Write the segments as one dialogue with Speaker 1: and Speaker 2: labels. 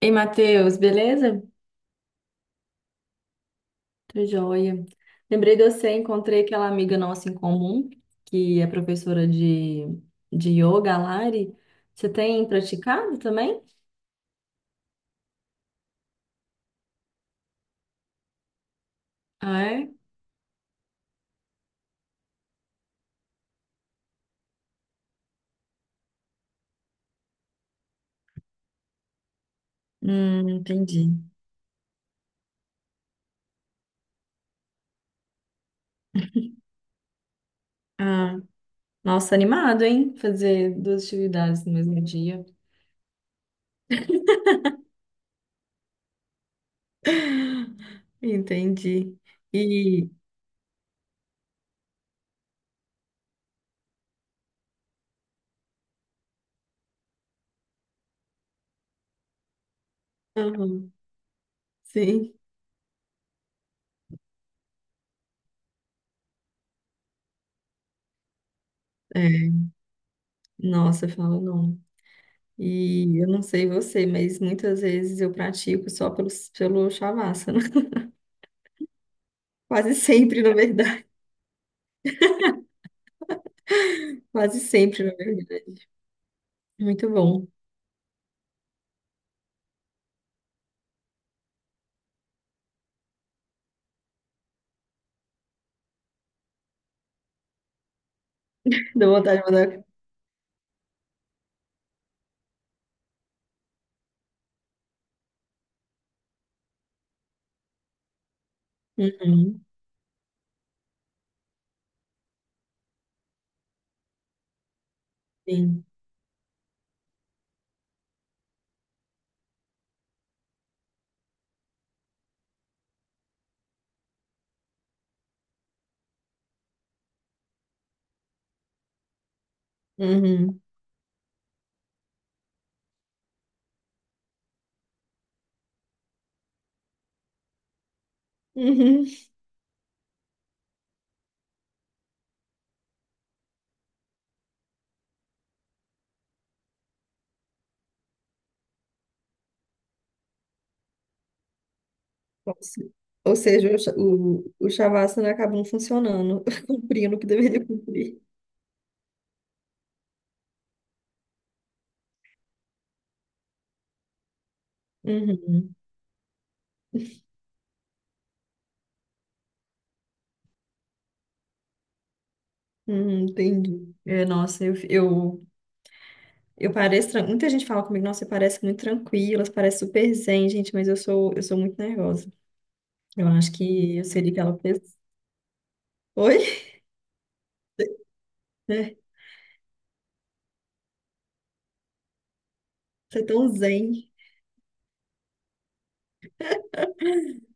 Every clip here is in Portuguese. Speaker 1: Ei, Matheus, beleza? Tô joia. Lembrei de você, encontrei aquela amiga nossa em comum, que é professora de yoga, a Lari. Você tem praticado também? Ah, é? Entendi. Ah, nossa, animado, hein? Fazer duas atividades no mesmo dia. Entendi. E, aham, sim. É, nossa, fala não. E eu não sei você, mas muitas vezes eu pratico só pelo Shavasana. Quase sempre, na verdade. Quase sempre, na verdade. Muito bom. Deu vontade de mandar. Uhum, sim. Uhum, uhum. Nossa. Ou seja, o Shavasana acabou não funcionando, cumprindo o que deveria cumprir. Uhum, uhum, entendi. É, nossa, eu pareço. Muita gente fala comigo, nossa, você parece muito tranquila, você parece super zen, gente, mas eu sou muito nervosa. Eu acho que eu seria aquela pessoa. Oi? É, você é tão zen.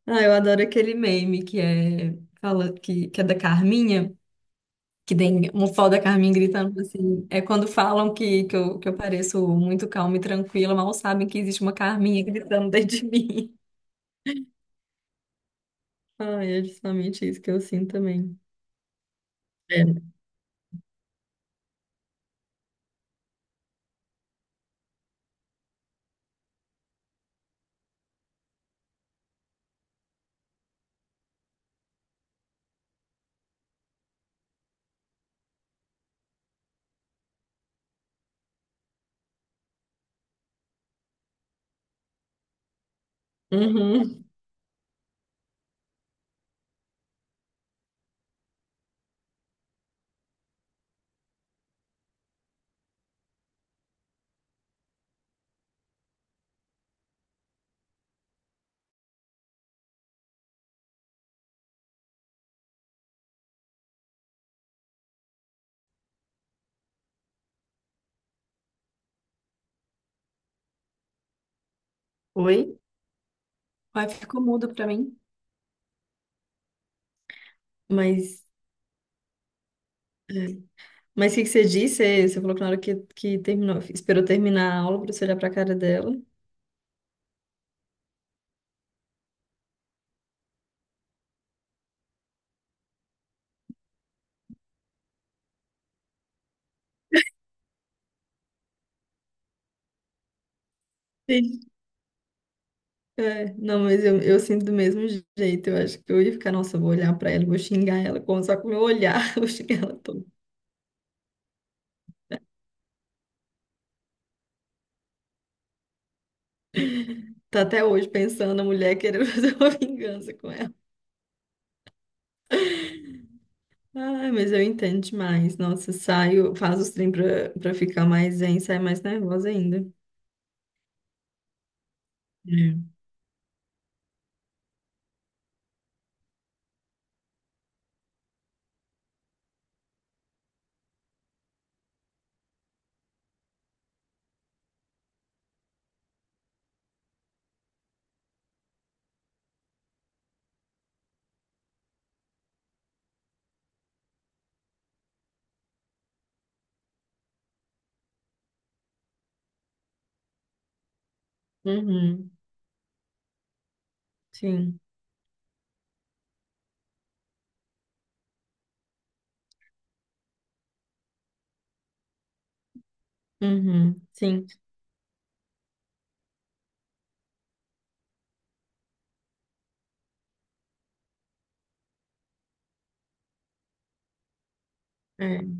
Speaker 1: Ah, eu adoro aquele meme que é da Carminha, que tem uma foto da Carminha gritando assim. É quando falam que eu pareço muito calma e tranquila, mal sabem que existe uma Carminha gritando dentro de mim. Ai, é justamente isso que eu sinto também. É. Uhum. Oi? Ai, ficou mudo pra mim. Mas, mas o que que você disse? Você falou que na hora que terminou, esperou terminar a aula pra você olhar pra cara dela. É, não, mas eu sinto do mesmo jeito. Eu acho que eu ia ficar, nossa, eu vou olhar pra ela, vou xingar ela, só com o meu olhar, eu vou xingar ela toda. Tá até hoje pensando a mulher querendo fazer uma vingança com ela. Ai, mas eu entendo demais. Nossa, saio, faço os trem pra ficar mais zen, sai mais nervosa ainda. É. Uhum, sim. Uhum, sim. É.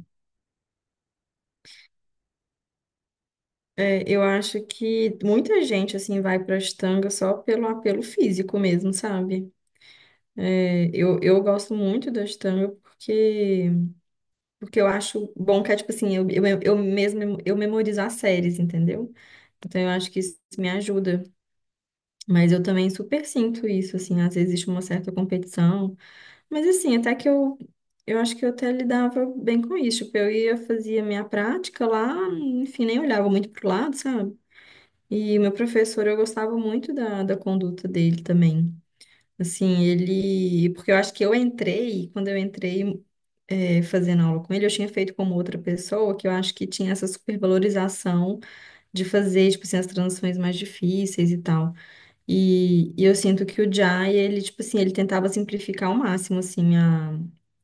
Speaker 1: É, eu acho que muita gente, assim, vai pra Ashtanga só pelo apelo físico mesmo, sabe? É, eu gosto muito da Astanga porque, porque eu acho bom que é tipo assim, eu mesmo eu memorizo as séries, entendeu? Então eu acho que isso me ajuda. Mas eu também super sinto isso, assim, às vezes existe uma certa competição. Mas assim, eu acho que eu até lidava bem com isso. Tipo, eu ia, fazia minha prática lá, enfim, nem olhava muito pro lado, sabe? E o meu professor, eu gostava muito da conduta dele também. Assim, ele. Porque eu acho que eu entrei, quando eu entrei fazendo aula com ele, eu tinha feito como outra pessoa, que eu acho que tinha essa supervalorização de fazer, tipo assim, as transições mais difíceis e tal. E eu sinto que o Jai, ele, tipo assim, ele tentava simplificar ao máximo, assim, a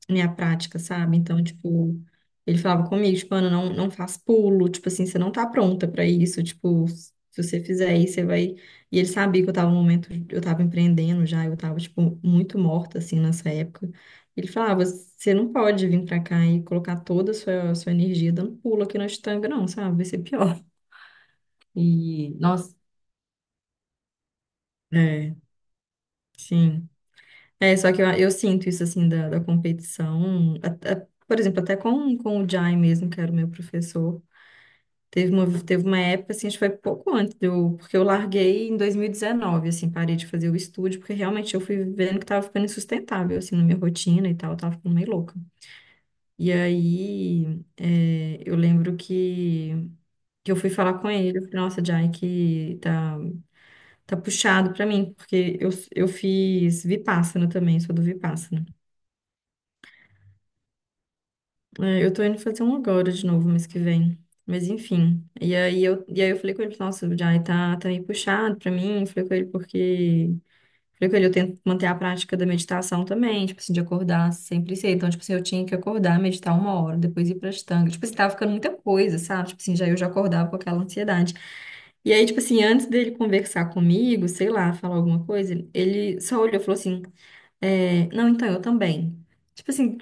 Speaker 1: minha prática, sabe? Então, tipo, ele falava comigo, tipo, Ana, não faz pulo, tipo assim, você não tá pronta pra isso, tipo, se você fizer isso, você vai... E ele sabia que eu tava no momento, eu tava empreendendo já, eu tava, tipo, muito morta, assim, nessa época. Ele falava, você não pode vir pra cá e colocar toda a sua energia dando pulo aqui na Estanga, não, sabe? Vai ser pior. E, nossa, é, sim. É, só que eu sinto isso, assim, da competição. Até- por exemplo, até com o Jai mesmo, que era o meu professor. Teve teve uma época, assim, acho que foi pouco antes, de eu, porque eu larguei em 2019, assim, parei de fazer o estúdio, porque realmente eu fui vendo que tava ficando insustentável, assim, na minha rotina e tal, eu tava ficando meio louca. E aí, é, que eu fui falar com ele, eu falei, nossa, Jai, tá puxado pra mim, porque eu fiz Vipassana também, sou do Vipassana. É, eu tô indo fazer um agora de novo mês que vem. Mas enfim. E aí eu falei com ele, nossa, já aí tá meio puxado pra mim. Eu falei com ele porque. Falei com ele, eu tento manter a prática da meditação também, tipo assim, de acordar sempre cedo. Então, tipo assim, eu tinha que acordar, meditar uma hora, depois ir pra estanga. Tipo assim, tava ficando muita coisa, sabe? Tipo assim, já acordava com aquela ansiedade. E aí, tipo assim, antes dele conversar comigo, sei lá, falar alguma coisa, ele só olhou e falou assim. É, não, então, eu também. Tipo assim,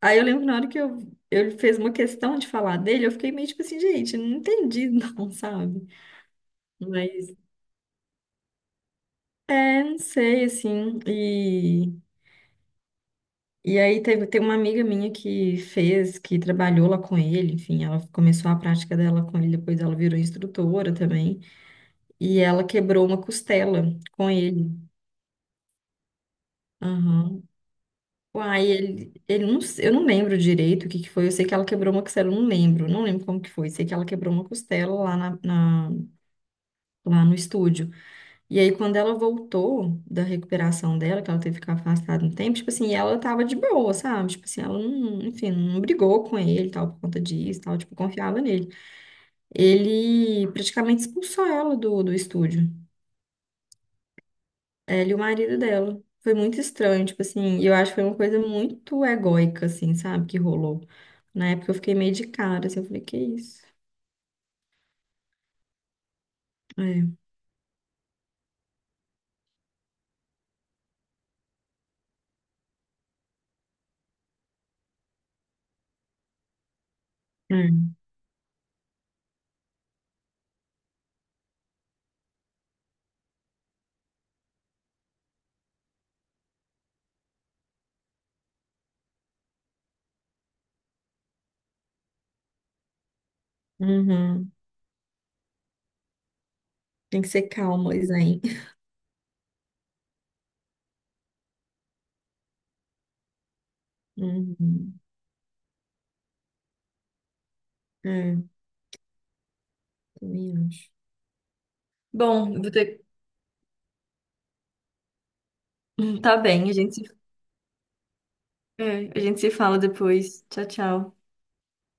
Speaker 1: aí eu lembro que na hora que eu, ele fez uma questão de falar dele, eu fiquei meio tipo assim, gente, não entendi não, sabe? Mas, é, não sei, assim, e aí teve, tem uma amiga minha que trabalhou lá com ele, enfim, ela começou a prática dela com ele, depois ela virou instrutora também, e ela quebrou uma costela com ele. Aham. Uai, ele não, se- eu não lembro direito o que que foi. Eu sei que ela quebrou uma costela, eu não lembro, não lembro como que foi. Sei que ela quebrou uma costela lá, lá no estúdio. E aí, quando ela voltou da recuperação dela, que ela teve que ficar afastada um tempo, tipo assim, ela tava de boa, sabe? Tipo assim, ela não, enfim, não brigou com ele, e tal, por conta disso, e tal, tipo, confiava nele. Ele praticamente expulsou ela do estúdio, ela e o marido dela. Foi muito estranho, tipo assim, e eu acho que foi uma coisa muito egóica, assim, sabe, que rolou. Na época eu fiquei meio de cara, assim, eu falei, que isso? É, É. Uhum. Tem que ser calmo, Isaim. Uhum. É, também acho. Bom, eu vou ter... tá bem, a gente se... é, a gente se fala depois. Tchau, tchau.